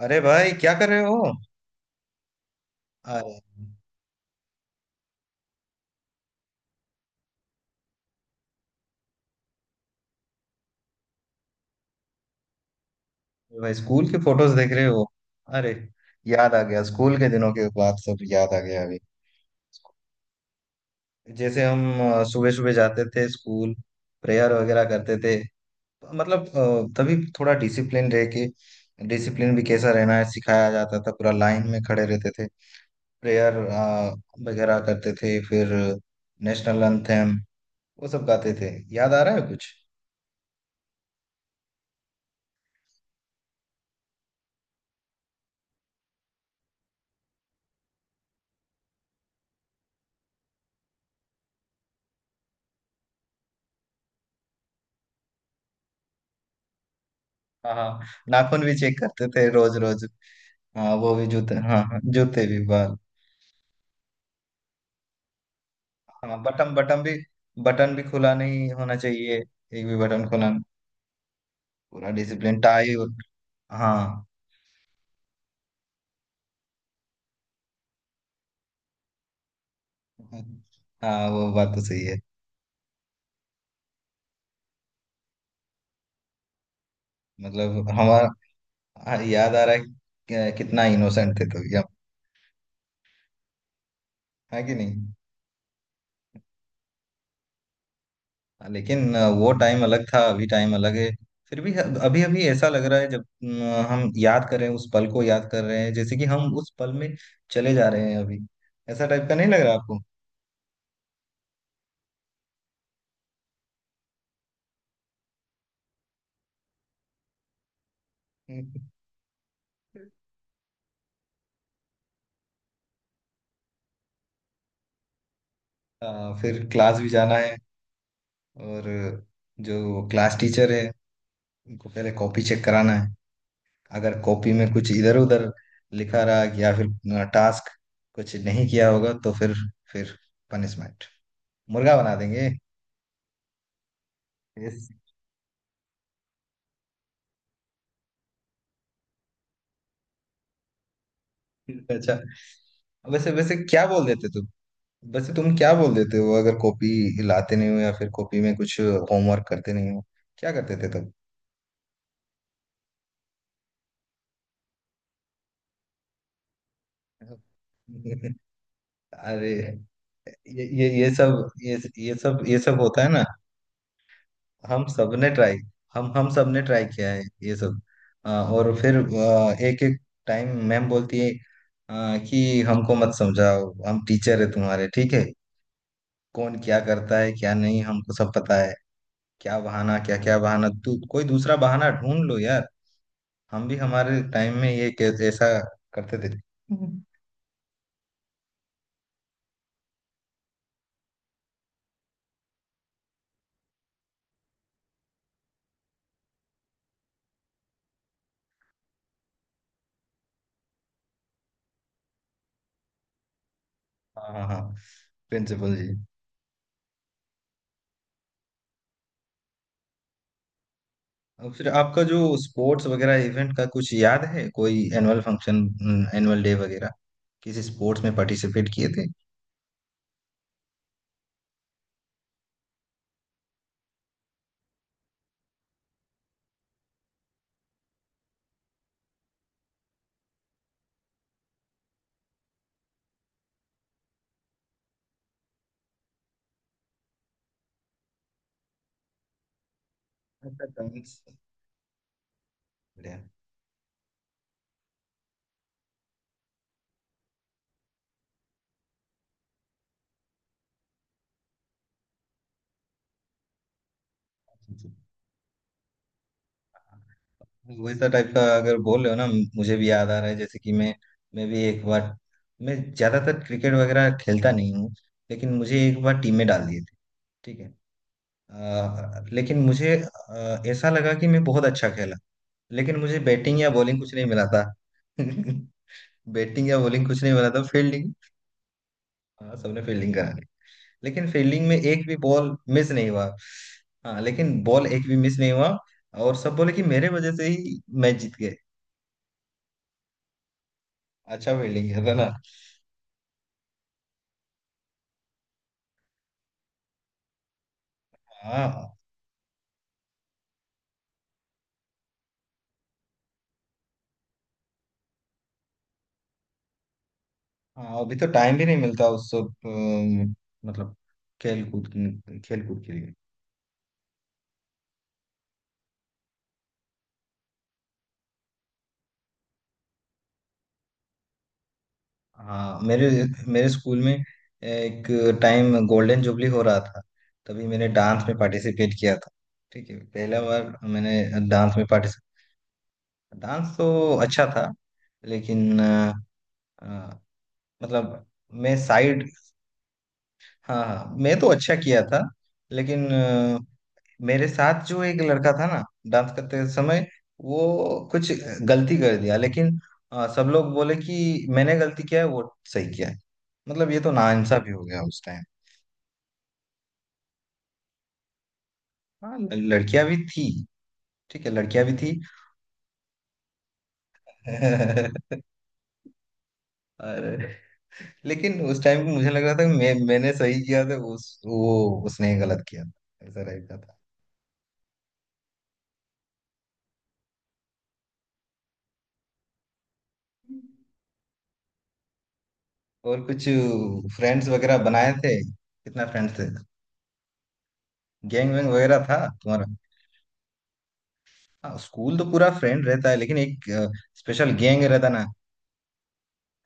अरे भाई, क्या कर रहे हो? अरे भाई, स्कूल की फोटोज देख रहे हो? अरे, याद आ गया। स्कूल के दिनों के बाद सब याद आ गया अभी। जैसे हम सुबह सुबह जाते थे स्कूल, प्रेयर वगैरह करते थे। तो मतलब तभी थोड़ा डिसिप्लिन रह के, डिसिप्लिन भी कैसा रहना है सिखाया जाता था। पूरा लाइन में खड़े रहते थे, प्रेयर वगैरह करते थे, फिर नेशनल एंथम वो सब गाते थे। याद आ रहा है कुछ? हाँ हाँ, नाखून भी चेक करते थे रोज रोज। हाँ, वो भी जूते, हाँ हाँ, जूते भी, बाल। हाँ, बटन, बटन भी खुला नहीं होना चाहिए। एक भी बटन खुला नहीं। पूरा डिसिप्लिन। टाई। हाँ हाँ, वो बात तो सही है। मतलब हमारा, हाँ, याद आ रहा है कि कितना इनोसेंट थे तो हम। है कि नहीं? लेकिन वो टाइम अलग था, अभी टाइम अलग है। फिर भी अभी अभी ऐसा लग रहा है, जब हम याद कर रहे हैं, उस पल को याद कर रहे हैं, जैसे कि हम उस पल में चले जा रहे हैं अभी। ऐसा टाइप का नहीं लग रहा आपको? फिर क्लास भी जाना है, और जो क्लास टीचर है उनको पहले कॉपी चेक कराना है। अगर कॉपी में कुछ इधर उधर लिखा रहा, या फिर टास्क कुछ नहीं किया होगा, तो फिर पनिशमेंट, मुर्गा बना देंगे। Yes. अच्छा, वैसे वैसे क्या बोल देते तुम? वैसे तुम क्या बोल देते हो, अगर कॉपी लाते नहीं हो या फिर कॉपी में कुछ होमवर्क करते नहीं हो? क्या करते थे तुम? अरे, ये सब ये सब होता है ना। हम सबने ट्राई, हम सबने ट्राई किया है ये सब। और फिर एक एक टाइम मैम बोलती है, कि हमको मत समझाओ, हम टीचर है तुम्हारे, ठीक है? कौन क्या करता है क्या नहीं, हमको सब पता है। क्या बहाना, क्या क्या बहाना, तू कोई दूसरा बहाना ढूंढ लो यार। हम भी हमारे टाइम में ये कैसे, ऐसा करते थे। हम्म। हाँ हाँ हाँ, प्रिंसिपल जी। और फिर आपका जो स्पोर्ट्स वगैरह इवेंट का कुछ याद है? कोई एनुअल फंक्शन? एनुअल डे वगैरह? किसी स्पोर्ट्स में पार्टिसिपेट किए थे? ऐसा dance, बढ़िया। वैसा टाइप का अगर बोल रहे हो ना, मुझे भी याद आ रहा है। जैसे कि मैं भी एक बार, मैं ज्यादातर क्रिकेट वगैरह खेलता नहीं हूँ, लेकिन मुझे एक बार टीम में डाल दिए थे, ठीक है? लेकिन मुझे ऐसा लगा कि मैं बहुत अच्छा खेला। लेकिन मुझे बैटिंग या बॉलिंग कुछ नहीं मिला था। बैटिंग या बॉलिंग कुछ नहीं मिला था, फील्डिंग। हाँ, सबने फील्डिंग करा ली। लेकिन फील्डिंग में एक भी बॉल मिस नहीं हुआ। हाँ, लेकिन बॉल एक भी मिस नहीं हुआ। और सब बोले कि मेरे वजह से ही मैच जीत गए। अच्छा, फील्डिंग किया था ना। हाँ हाँ, अभी तो टाइम भी नहीं मिलता उस सब, मतलब खेल कूद, खेल कूद के लिए। हाँ, मेरे मेरे स्कूल में एक टाइम गोल्डन जुबली हो रहा था। तभी मैंने डांस में पार्टिसिपेट किया था, ठीक है? पहला बार मैंने डांस में पार्टिसिपेट। डांस तो अच्छा था, लेकिन अ, मतलब मैं साइड, हाँ हाँ, मैं तो अच्छा किया था। लेकिन मेरे साथ जो एक लड़का था ना, डांस करते समय, वो कुछ गलती कर दिया। लेकिन सब लोग बोले कि मैंने गलती किया है, वो सही किया है। मतलब ये तो नाइंसाफी हो गया उस टाइम। हाँ, लड़कियां भी थी, ठीक है, लड़कियां भी थी। और लेकिन उस टाइम मुझे लग रहा था कि मैं, मैंने सही किया था, उस, वो उसने गलत किया था, ऐसा रहता था। और कुछ फ्रेंड्स वगैरह बनाए थे? कितना फ्रेंड्स थे? गैंग वैंग वगैरह था तुम्हारा? हाँ, स्कूल तो पूरा फ्रेंड रहता है, लेकिन एक स्पेशल गैंग रहता ना।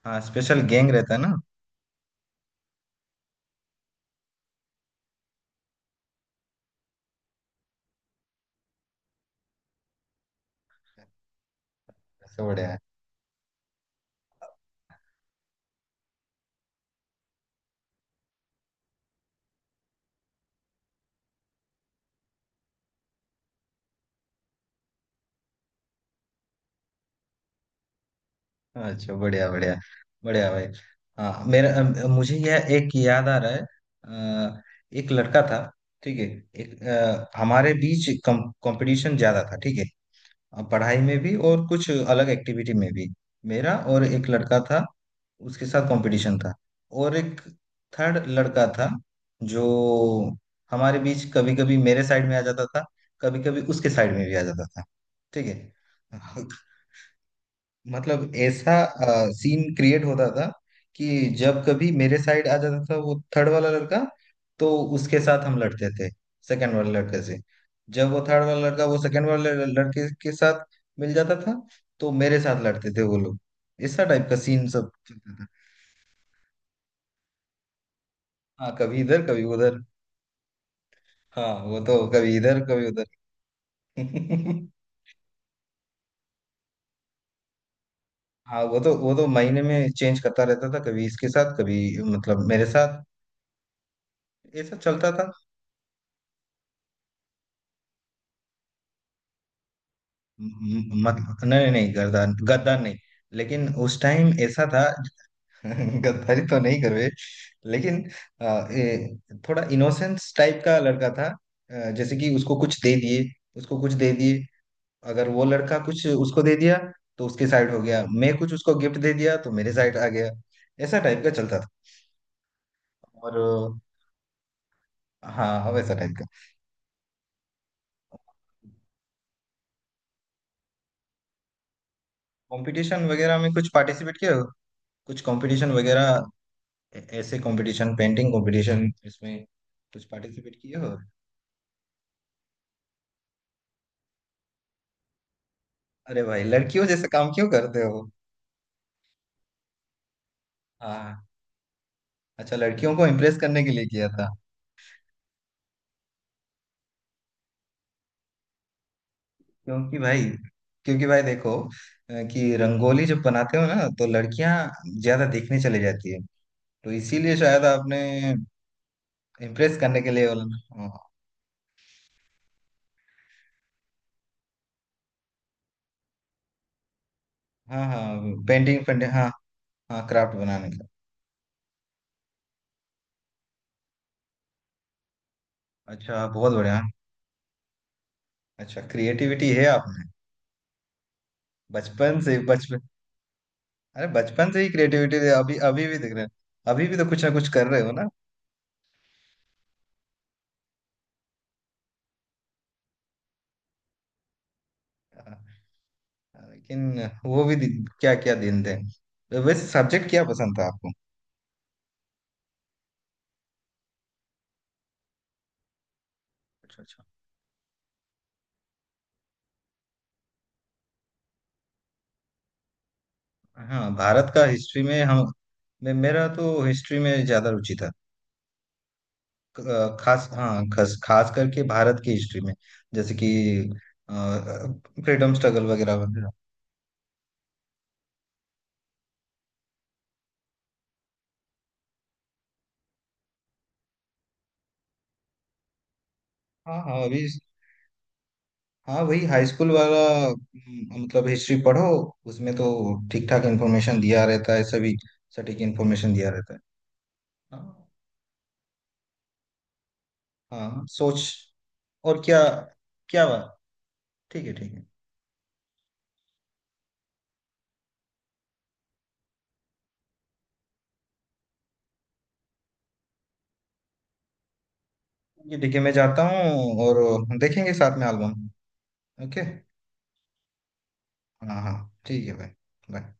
हाँ, स्पेशल गैंग रहता ना। अच्छा, बढ़िया है। अच्छा, बढ़िया बढ़िया। बढ़िया भाई। हाँ, मेरा, मुझे यह एक याद आ रहा है। अ, एक लड़का था, ठीक है। एक हमारे बीच कंपटीशन ज्यादा था, ठीक है। पढ़ाई में भी और कुछ अलग एक्टिविटी में भी। मेरा और एक लड़का था, उसके साथ कंपटीशन था। और एक थर्ड लड़का था, जो हमारे बीच कभी कभी मेरे साइड में आ जाता था, कभी कभी उसके साइड में भी आ जाता था, ठीक है? मतलब ऐसा सीन क्रिएट होता था कि जब कभी मेरे साइड आ जाता था वो थर्ड वाला लड़का, तो उसके साथ हम लड़ते थे, सेकंड वाले लड़के से। जब वो थर्ड वाला लड़का वो सेकंड वाले लड़के के साथ मिल जाता था, तो मेरे साथ लड़ते थे वो लोग। ऐसा टाइप का सीन सब चलता था। हाँ, कभी इधर कभी उधर। हाँ, वो तो कभी इधर कभी उधर। हाँ, वो तो महीने में चेंज करता रहता था, कभी इसके साथ, कभी मतलब मेरे साथ। ऐसा चलता था। मतलब नहीं नहीं, गद्दार, गद्दार नहीं। लेकिन उस टाइम ऐसा था। गद्दारी तो नहीं करवे। लेकिन अ, ए, थोड़ा इनोसेंस टाइप का लड़का था। जैसे कि उसको कुछ दे दिए, उसको कुछ दे दिए, अगर वो लड़का कुछ उसको दे दिया तो उसके साइड हो गया। मैं कुछ उसको गिफ्ट दे दिया तो मेरे साइड आ गया। ऐसा टाइप का चलता था। और हाँ हाँ, वैसा टाइप का। कंपटीशन वगैरह में कुछ पार्टिसिपेट किया हो? कुछ कंपटीशन वगैरह? ऐसे कंपटीशन, पेंटिंग कंपटीशन, इसमें कुछ पार्टिसिपेट किए हो? अरे भाई, लड़कियों जैसे काम क्यों करते हो? हाँ, अच्छा, लड़कियों को इम्प्रेस करने के लिए किया था। क्योंकि भाई क्योंकि भाई देखो, कि रंगोली जब बनाते हो ना, तो लड़कियां ज्यादा देखने चले जाती है। तो इसीलिए शायद आपने इम्प्रेस करने के लिए बोला ना। हाँ हाँ, पेंटिंग पेंटिंग, हाँ। हाँ, क्राफ्ट बनाने का। अच्छा, बहुत बढ़िया। अच्छा, क्रिएटिविटी है आप में। बचपन से, बचपन। अरे, बचपन से ही क्रिएटिविटी है। अभी अभी भी दिख रहे हैं। अभी भी तो कुछ ना कुछ कर रहे हो ना। हाँ, लेकिन वो भी दिन, क्या क्या दिन थे। तो वैसे सब्जेक्ट क्या पसंद था आपको? अच्छा अच्छा। हाँ, भारत का हिस्ट्री में हम, मेरा तो हिस्ट्री में ज्यादा रुचि था। खास, हाँ, खास खास करके भारत की हिस्ट्री में, जैसे कि फ्रीडम स्ट्रगल वगैरह वगैरह। हाँ हाँ, अभी हाँ, वही हाई स्कूल वाला। मतलब हिस्ट्री पढ़ो, उसमें तो ठीक ठाक इन्फॉर्मेशन दिया रहता है सभी, सटीक इन्फॉर्मेशन दिया रहता है। हाँ हाँ, सोच, और क्या। क्या बात। ठीक है, ठीक है। ये देखिए, मैं जाता हूँ, और देखेंगे साथ में एल्बम। ओके। हाँ हाँ, ठीक है भाई। बाय।